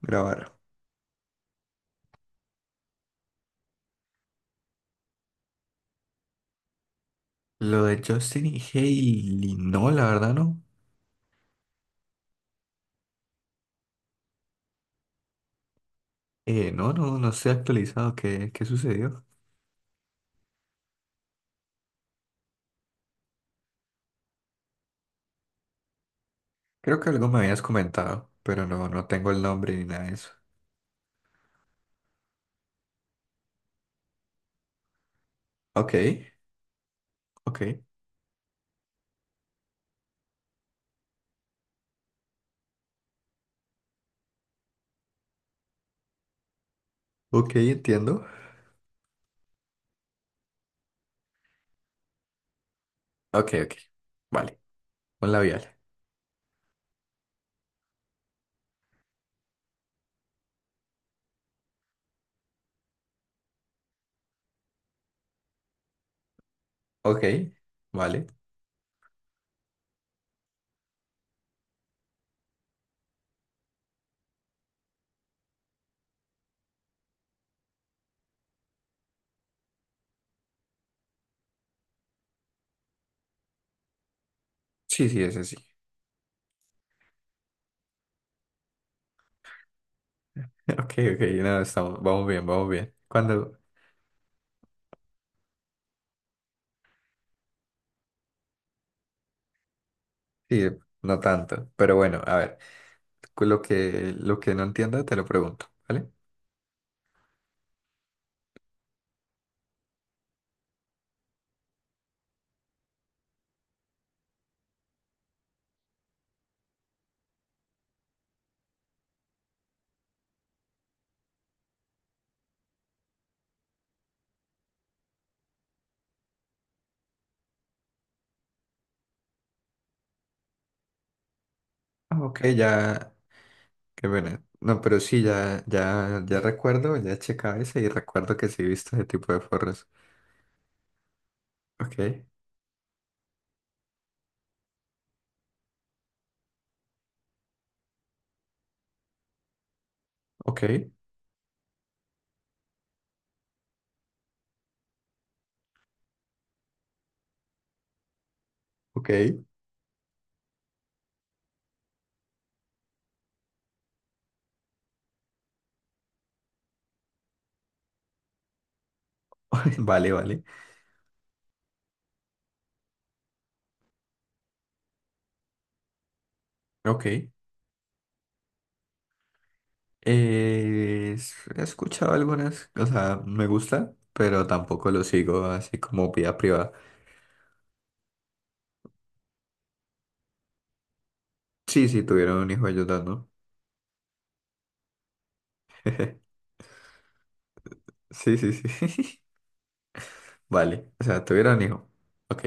Grabar. Lo de Justin y Hailey, no, la verdad no. No, no estoy actualizado. Qué sucedió? Creo que algo me habías comentado, pero no tengo el nombre ni nada de eso. Ok, ok, ok, entiendo. Ok, ok, vale. Un labial. Ok, vale. Sí, sí, ese sí. Ok, ok, no, estamos, vamos bien, vamos bien. Cuando, sí, no tanto, pero bueno, a ver, lo lo que no entienda te lo pregunto, ¿vale? Ah, ok, ya. Qué pena. No, pero sí, ya, ya, ya recuerdo, ya he checado ese y recuerdo que sí he visto ese tipo de forros. Ok, ok, ok. Vale, vale. Ok. He escuchado algunas, o sea, me gusta, pero tampoco lo sigo así como vida privada. Sí, sí, tuvieron un hijo ellos dos, ¿no? Sí, sí, sí. Vale, o sea, tuvieron un hijo. Ok.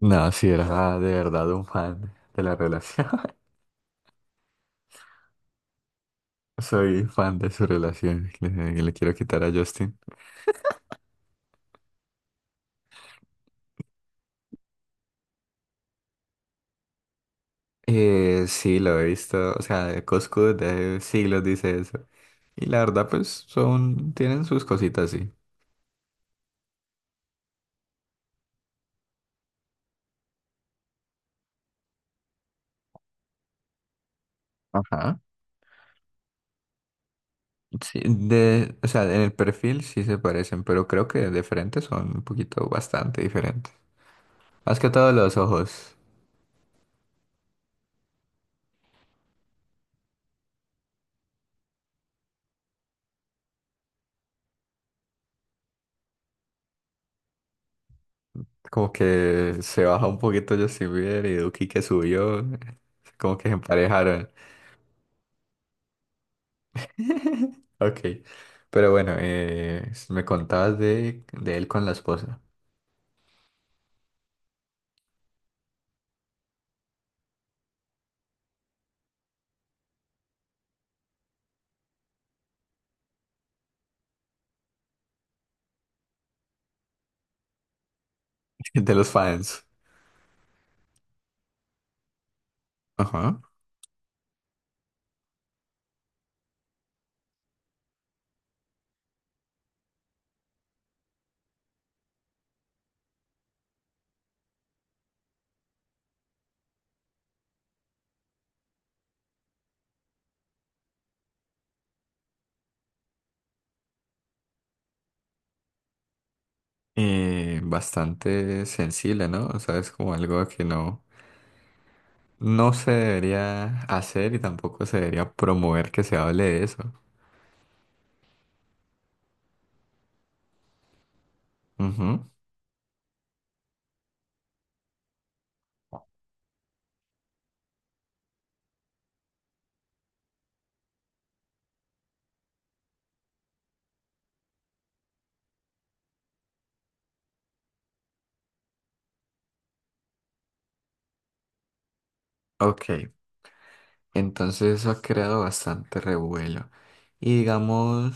No, sí, era de verdad un fan de la relación. Soy fan de su relación. Le quiero quitar a Justin. Sí, lo he visto, o sea, Coscu de siglos dice eso. Y la verdad, pues, son, tienen sus cositas, sí. Ajá. Sí, de, o sea, en el perfil sí se parecen, pero creo que de frente son un poquito bastante diferentes. Más que todo los ojos. Como que se baja un poquito Justin Bieber y Duki que subió, como que se emparejaron. Ok, pero bueno, me contabas de él con la esposa, de los fans. Ajá. Bastante sensible, ¿no? O sea, es como algo que no se debería hacer y tampoco se debería promover que se hable de eso. Ujú. Ok, entonces eso ha creado bastante revuelo. Y digamos,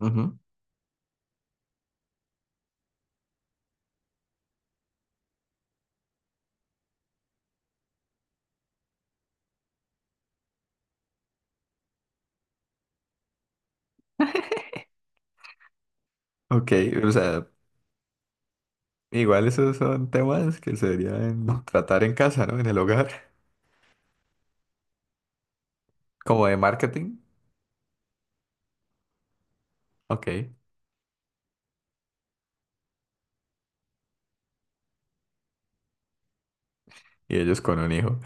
ujú, ok, o sea, igual esos son temas que se deberían tratar en casa, ¿no? En el hogar, como de marketing. Ok, y ellos con un hijo.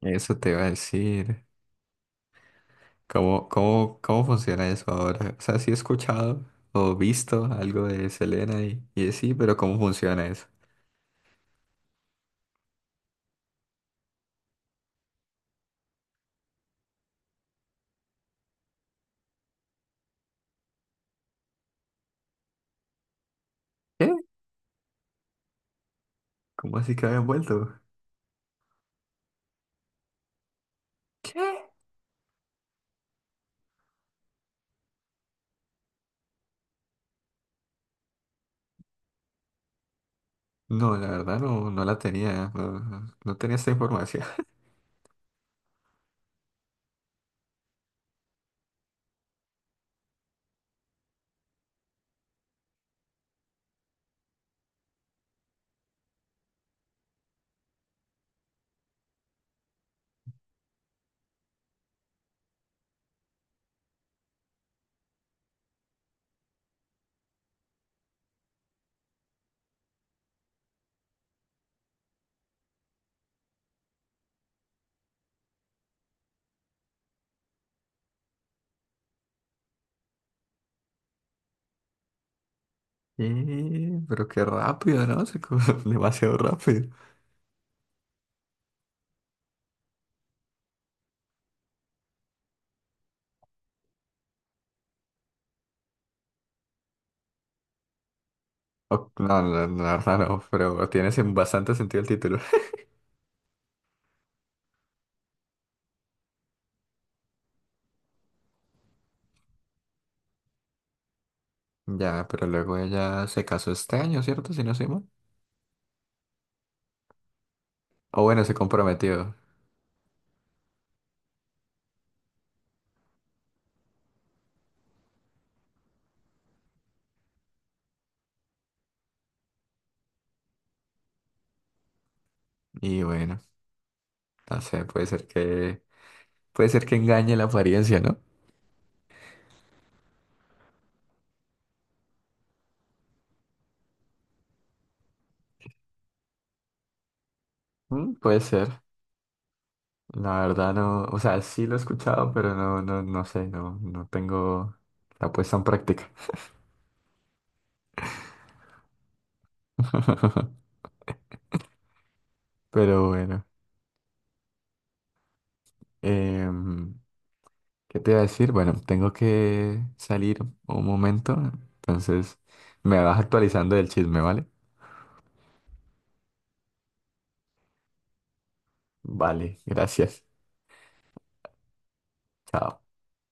Eso te iba a decir. Cómo funciona eso ahora? O sea, sí he escuchado o visto algo de Selena y de sí, pero ¿cómo funciona eso? ¿Qué? ¿Cómo así que habían vuelto? ¿Qué? No, la verdad no, no la tenía, no tenía esta información. Pero qué rápido, ¿no? Demasiado rápido. No, la verdad no, pero tiene bastante sentido el título. Ya, pero luego ella se casó este año, ¿cierto? Si no soy mal. O bueno, se comprometió. Y bueno, no sé, puede ser puede ser que engañe la apariencia, ¿no? Mm, puede ser. La verdad no, o sea, sí lo he escuchado, pero no sé, no tengo la puesta en práctica. Pero bueno, em, ¿qué te iba a decir? Bueno, tengo que salir un momento, entonces me vas actualizando del chisme, ¿vale? Vale, gracias. Chao.